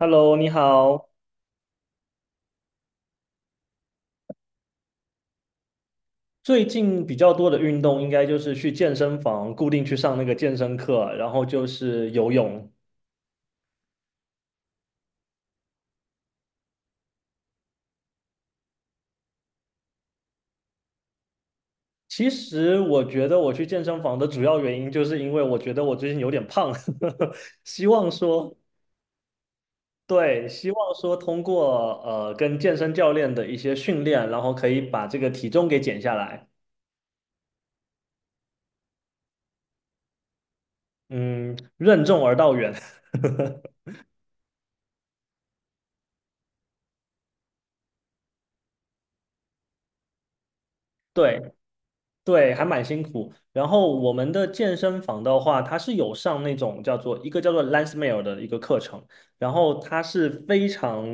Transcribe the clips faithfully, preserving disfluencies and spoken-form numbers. Hello，你好。最近比较多的运动应该就是去健身房固定去上那个健身课，然后就是游泳。其实我觉得我去健身房的主要原因，就是因为我觉得我最近有点胖，希望说，对，希望说通过呃跟健身教练的一些训练，然后可以把这个体重给减下来。嗯，任重而道远。对，对，还蛮辛苦。然后我们的健身房的话，它是有上那种叫做一个叫做 Lance Meal 的一个课程，然后它是非常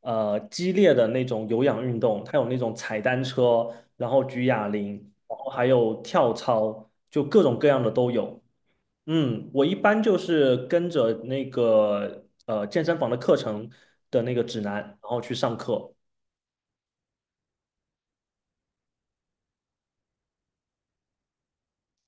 呃激烈的那种有氧运动，它有那种踩单车，然后举哑铃，然后还有跳操，就各种各样的都有。嗯，我一般就是跟着那个呃健身房的课程的那个指南，然后去上课。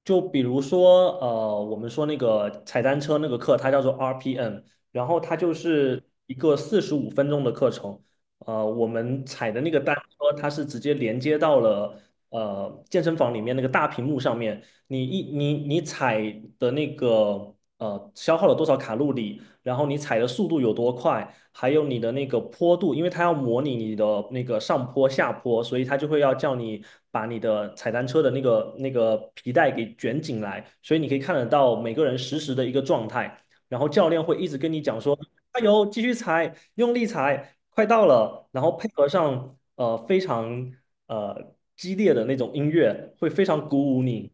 就比如说，呃，我们说那个踩单车那个课，它叫做 R P M，然后它就是一个四十五分钟的课程。呃，我们踩的那个单车，它是直接连接到了呃健身房里面那个大屏幕上面。你一你你踩的那个呃消耗了多少卡路里，然后你踩的速度有多快，还有你的那个坡度，因为它要模拟你的那个上坡、下坡，所以它就会要叫你把你的踩单车的那个那个皮带给卷紧来，所以你可以看得到每个人实时的一个状态，然后教练会一直跟你讲说，加油，继续踩，用力踩，快到了，然后配合上呃非常呃激烈的那种音乐，会非常鼓舞你。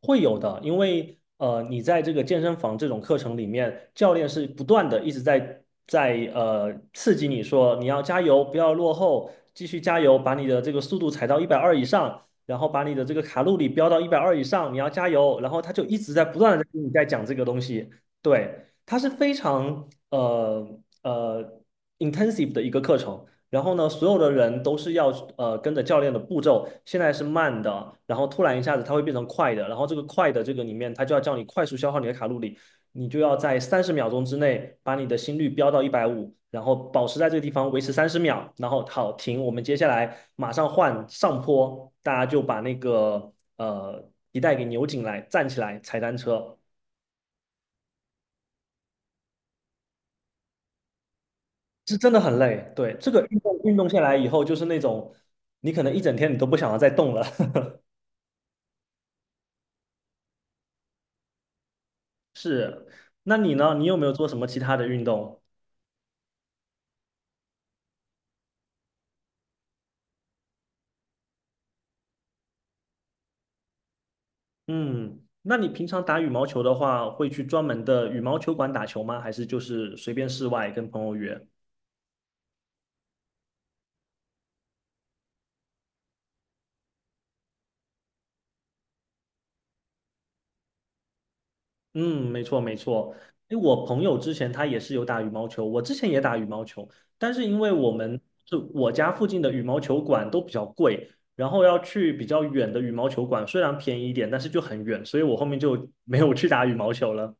会有的，因为呃，你在这个健身房这种课程里面，教练是不断的一直在在呃刺激你说你要加油，不要落后，继续加油，把你的这个速度踩到一百二以上，然后把你的这个卡路里飙到一百二以上，你要加油。然后他就一直在不断的跟你在讲这个东西，对，它是非常呃呃 intensive 的一个课程，然后呢，所有的人都是要呃跟着教练的步骤，现在是慢的，然后突然一下子它会变成快的，然后这个快的这个里面，它就要叫你快速消耗你的卡路里，你就要在三十秒钟之内把你的心率飙到一百五，然后保持在这个地方维持三十秒，然后好停，我们接下来马上换上坡，大家就把那个呃皮带给扭紧来，站起来踩单车，是真的很累。对，这个运动运动下来以后，就是那种你可能一整天你都不想要再动了。是，那你呢？你有没有做什么其他的运动？嗯，那你平常打羽毛球的话，会去专门的羽毛球馆打球吗？还是就是随便室外跟朋友约？嗯，没错没错。因为我朋友之前他也是有打羽毛球，我之前也打羽毛球，但是因为我们就我家附近的羽毛球馆都比较贵，然后要去比较远的羽毛球馆，虽然便宜一点，但是就很远，所以我后面就没有去打羽毛球了。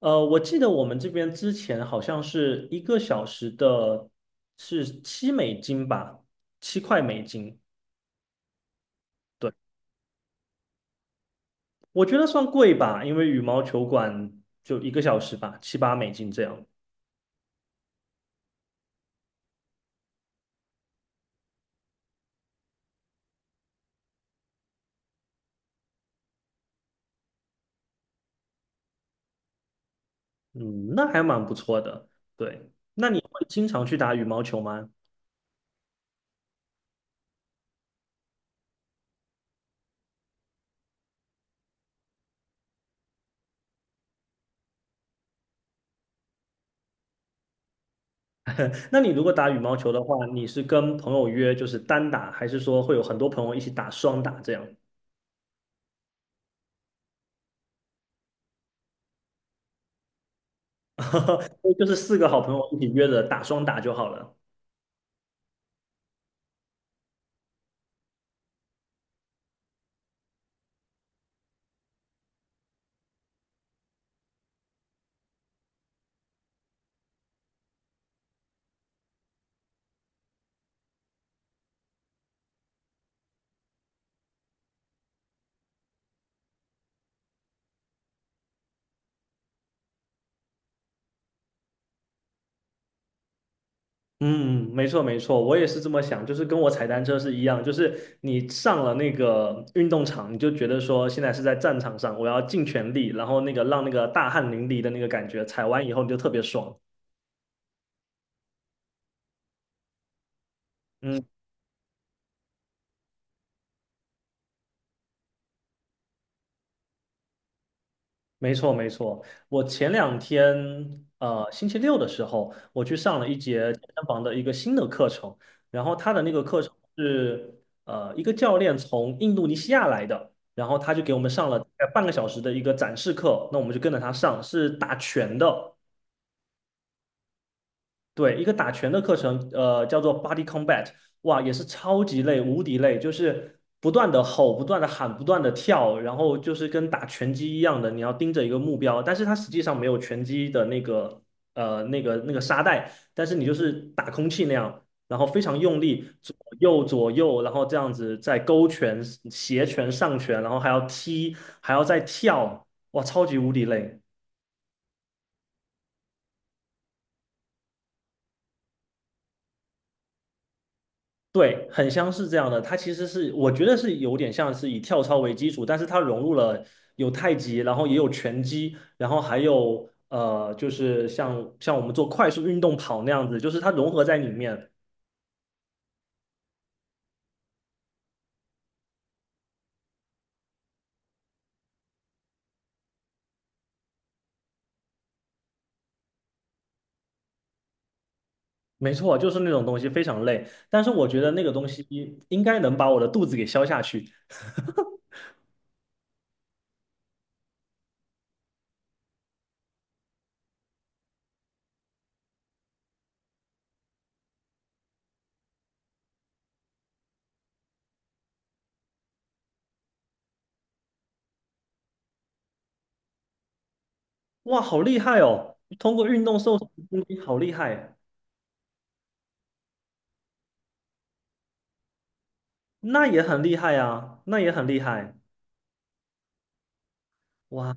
呃，我记得我们这边之前好像是一个小时的，是七美金吧，七块美金。对，我觉得算贵吧，因为羽毛球馆就一个小时吧，七八美金这样。嗯，那还蛮不错的。对，那你会经常去打羽毛球吗？那你如果打羽毛球的话，你是跟朋友约就是单打，还是说会有很多朋友一起打双打这样？就是四个好朋友一起约着打双打就好了。嗯，没错没错，我也是这么想，就是跟我踩单车是一样，就是你上了那个运动场，你就觉得说现在是在战场上，我要尽全力，然后那个让那个大汗淋漓的那个感觉，踩完以后你就特别爽。嗯。没错，没错。我前两天，呃，星期六的时候，我去上了一节健身房的一个新的课程，然后他的那个课程是，呃，一个教练从印度尼西亚来的，然后他就给我们上了大概半个小时的一个展示课，那我们就跟着他上，是打拳的。对，一个打拳的课程，呃，叫做 Body Combat，哇，也是超级累，无敌累，就是不断的吼，不断的喊，不断的跳，然后就是跟打拳击一样的，你要盯着一个目标，但是它实际上没有拳击的那个，呃，那个那个沙袋，但是你就是打空气那样，然后非常用力，左右左右，然后这样子在勾拳、斜拳、上拳，然后还要踢，还要再跳，哇，超级无敌累。对，很像是这样的。它其实是，我觉得是有点像是以跳操为基础，但是它融入了有太极，然后也有拳击，然后还有呃，就是像像我们做快速运动跑那样子，就是它融合在里面。没错，就是那种东西非常累，但是我觉得那个东西应该能把我的肚子给消下去。哇，好厉害哦！通过运动瘦身的东西好厉害，那也很厉害啊，那也很厉害。哇，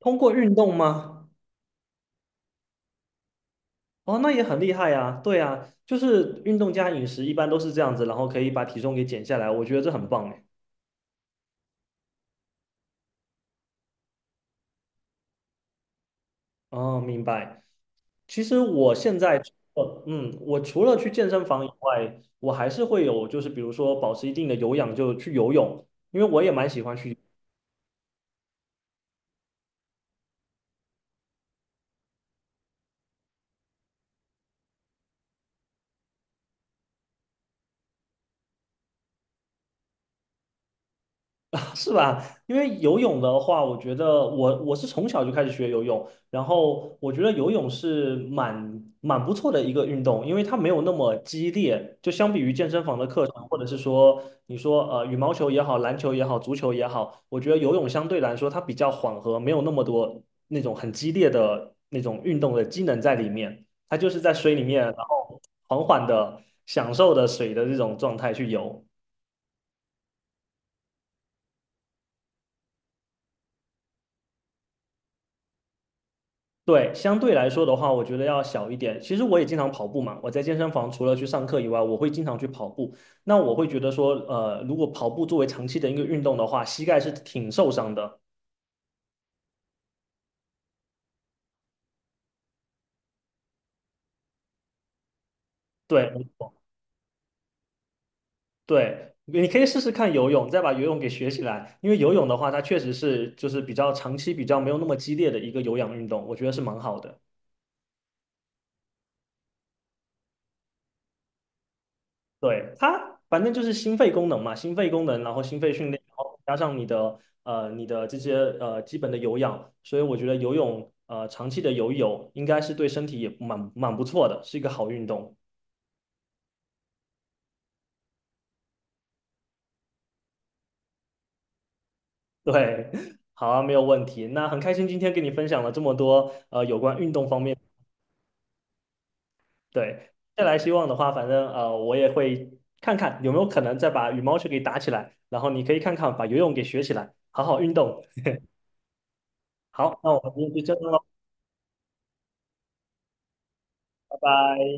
通过运动吗？哦，那也很厉害呀，对呀，就是运动加饮食一般都是这样子，然后可以把体重给减下来，我觉得这很棒哎。哦，明白。其实我现在除了嗯，我除了去健身房以外，我还是会有，就是比如说保持一定的有氧，就去游泳，因为我也蛮喜欢去。吧 是吧？因为游泳的话，我觉得我我是从小就开始学游泳，然后我觉得游泳是蛮蛮不错的一个运动，因为它没有那么激烈，就相比于健身房的课程，或者是说你说呃羽毛球也好，篮球也好，足球也好，我觉得游泳相对来说它比较缓和，没有那么多那种很激烈的那种运动的机能在里面，它就是在水里面，然后缓缓的享受的水的这种状态去游。对，相对来说的话，我觉得要小一点。其实我也经常跑步嘛，我在健身房除了去上课以外，我会经常去跑步。那我会觉得说，呃，如果跑步作为长期的一个运动的话，膝盖是挺受伤的。对对，你可以试试看游泳，再把游泳给学起来。因为游泳的话，它确实是就是比较长期、比较没有那么激烈的一个有氧运动，我觉得是蛮好的。对，它反正就是心肺功能嘛，心肺功能，然后心肺训练，然后加上你的呃你的这些呃基本的有氧，所以我觉得游泳呃长期的游泳应该是对身体也蛮蛮不错的，是一个好运动。对，好啊，没有问题。那很开心今天跟你分享了这么多呃有关运动方面。对，再来希望的话，反正呃我也会看看有没有可能再把羽毛球给打起来，然后你可以看看把游泳给学起来，好好运动。好，那我们今天就这样喽，拜拜。